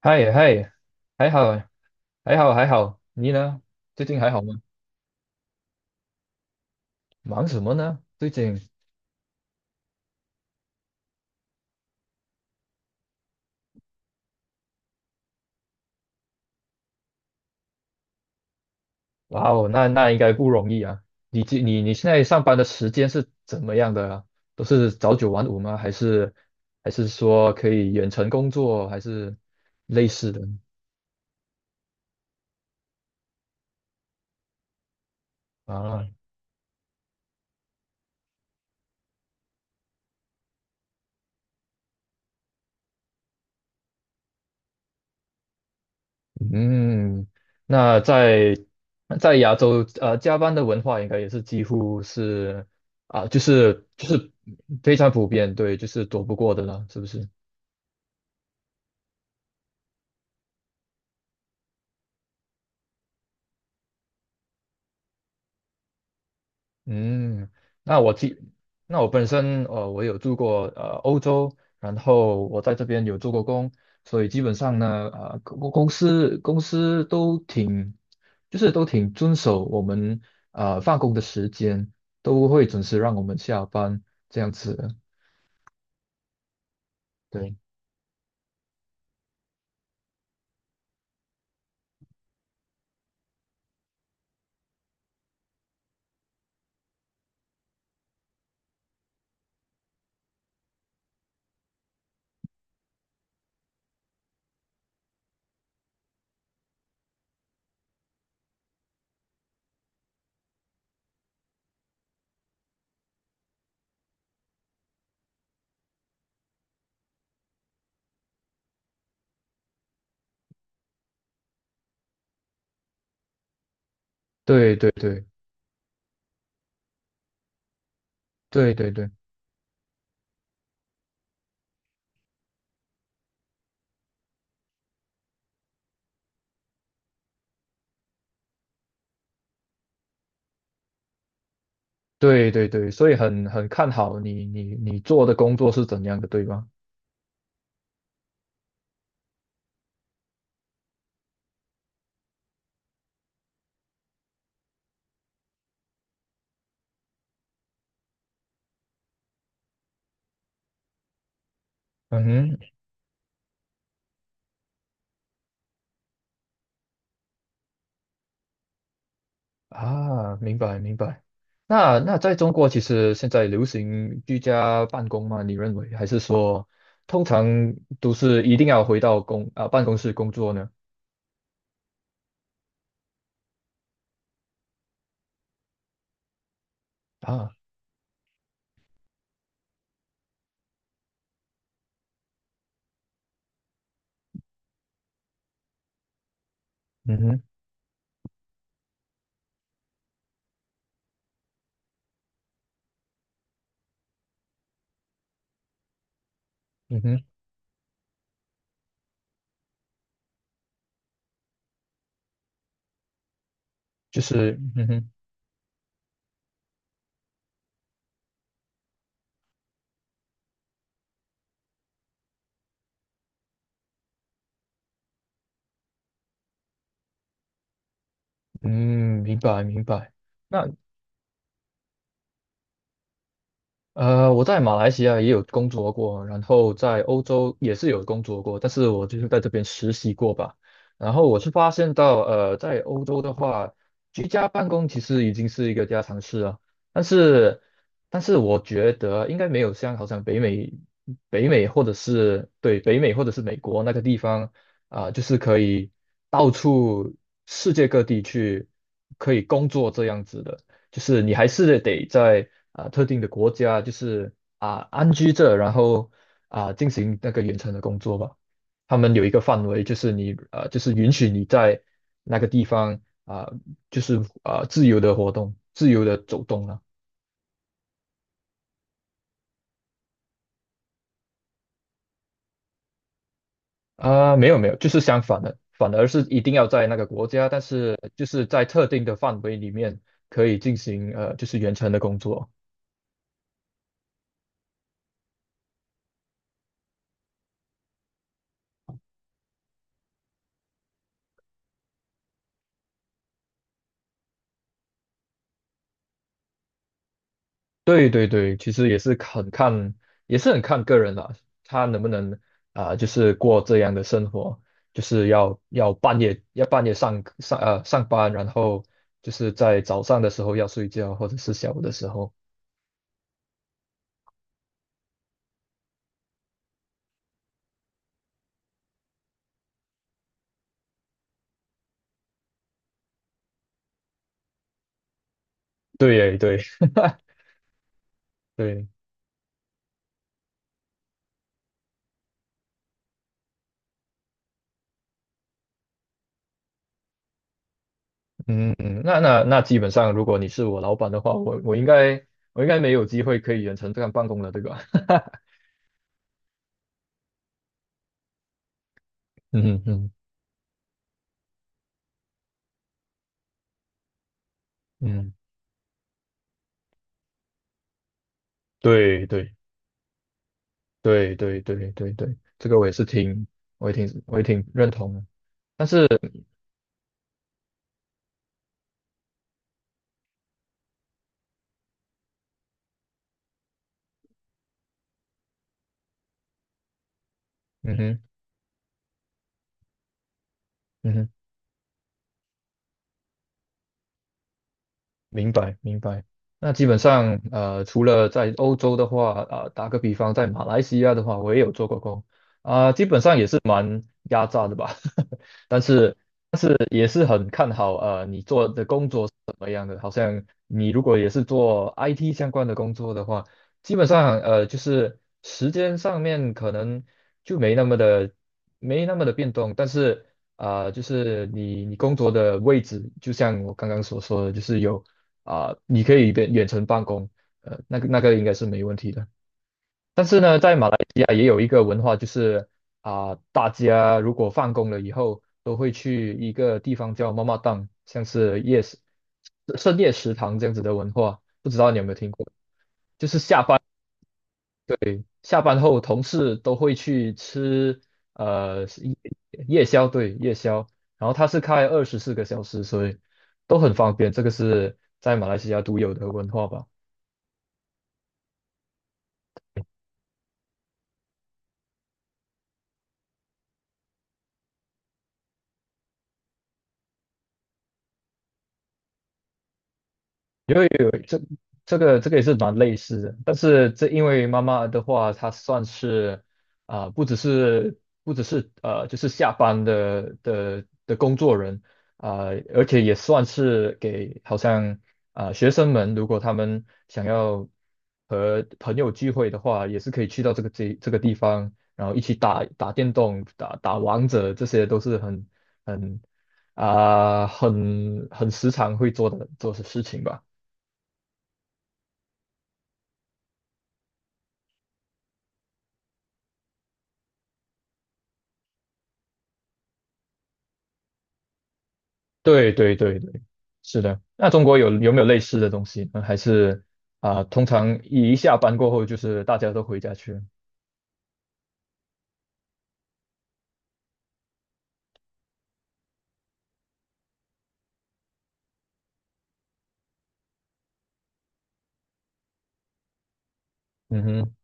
嗨嗨。还好，还好，还好。你呢？最近还好吗？忙什么呢？最近，哇哦，那应该不容易啊。你这你你现在上班的时间是怎么样的啊？都是早九晚五吗？还是说可以远程工作，还是类似的啊？嗯，那在亚洲，加班的文化应该也是几乎是啊，就是非常普遍，对，就是躲不过的了，是不是？嗯，那我记，那我本身我有住过欧洲，然后我在这边有做过工，所以基本上呢，公司都挺，就是都挺遵守我们放工的时间，都会准时让我们下班这样子的。对对对对对对对对对对，所以很看好你做的工作是怎样的，对吧？嗯哼啊，明白明白。那在中国，其实现在流行居家办公吗？你认为，还是说通常都是一定要回到办公室工作呢？啊，嗯哼，嗯哼，就是嗯哼，嗯，明白明白。那我在马来西亚也有工作过，然后在欧洲也是有工作过，但是我就是在这边实习过吧。然后我是发现到，在欧洲的话，居家办公其实已经是一个家常事了。但是，但是我觉得应该没有像好像北美、北美或者是对北美或者是美国那个地方就是可以到处世界各地去可以工作这样子的。就是你还是得在特定的国家，就是安居着，然后进行那个远程的工作吧。他们有一个范围，就是你就是允许你在那个地方就是自由的活动，自由的走动了。没有没有，就是相反的，反而是一定要在那个国家，但是就是在特定的范围里面可以进行就是远程的工作。对对对，其实也是很看，也是很看个人啦，他能不能就是过这样的生活，就是要半夜上班，然后就是在早上的时候要睡觉，或者是下午的时候。对耶对 对，嗯嗯，那那基本上，如果你是我老板的话，我应该没有机会可以远程这样办公了，对吧？嗯嗯嗯，对对。对对对对对，这个我也是挺，我也挺，我也挺认同的。嗯哼，嗯哼，明白明白。那基本上，除了在欧洲的话，打个比方，在马来西亚的话，我也有做过工，基本上也是蛮压榨的吧。但是。也是很看好你做的工作是怎么样的。好像你如果也是做 IT 相关的工作的话，基本上就是时间上面可能就没那么的变动，但是就是你工作的位置，就像我刚刚所说的，就是有你可以远程办公，那个应该是没问题的。但是呢，在马来西亚也有一个文化，就是大家如果放工了以后，都会去一个地方叫妈妈档，像是夜市、深夜食堂这样子的文化，不知道你有没有听过？对，下班后同事都会去吃呃夜宵，对，夜宵，然后它是开24个小时，所以都很方便。这个是在马来西亚独有的文化吧。因为有，这这个也是蛮类似的，但是这因为妈妈的话，她算是啊、不只是不只是就是下班的的工作人啊、而且也算是给好像学生们，如果他们想要和朋友聚会的话，也是可以去到这个地方，然后一起打打电动、打打王者，这些都是很很啊、很很时常会做的事情吧。对对对对，是的。那中国有没有类似的东西呢？还是通常一下班过后就是大家都回家去了。嗯哼，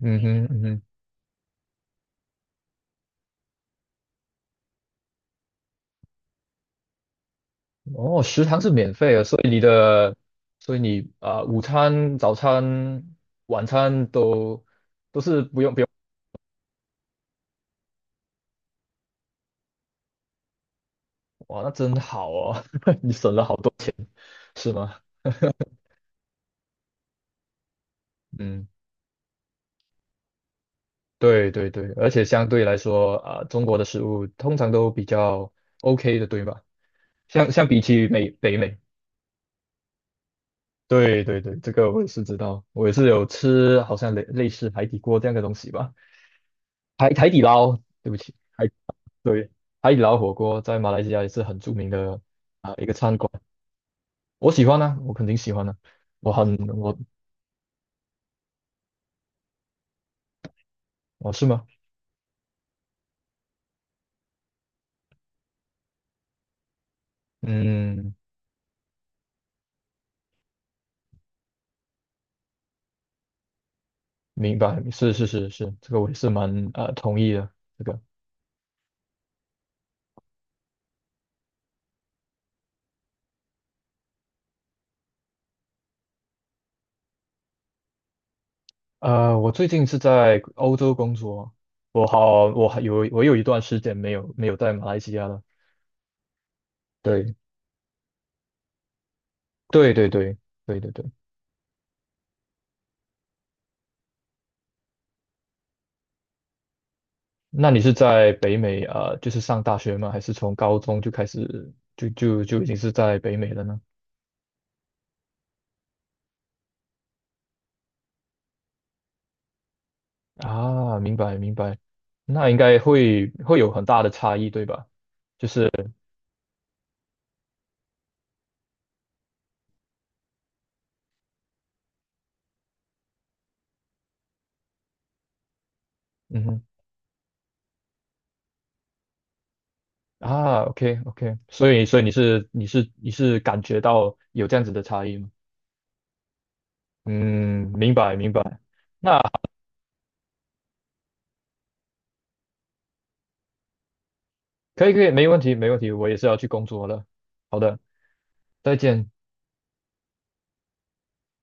嗯哼，嗯哼。哦，食堂是免费的，所以你午餐、早餐、晚餐都是不用不用。哇，那真好哦，你省了好多钱，是吗？嗯，对对对，而且相对来说中国的食物通常都比较 OK 的，对吧？相比起北美。对对对，这个我也是知道，我也是有吃，好像类似海底锅这样的东西吧，海底捞，对不起，海，对，海底捞火锅在马来西亚也是很著名的一个餐馆，我喜欢呢，我肯定喜欢呢，我很我我是吗？嗯，明白，是是是是，这个我也是蛮同意的，这个我最近是在欧洲工作，我有一段时间没有在马来西亚了，对对对对对对对。那你是在北美啊，就是上大学吗？还是从高中就开始就就就已经是在北美了呢？啊，明白明白，那应该会有很大的差异，对吧？就是嗯哼啊，OK OK，所以你是感觉到有这样子的差异吗？嗯，明白明白，那可以可以，没问题没问题，我也是要去工作了。好的，再见。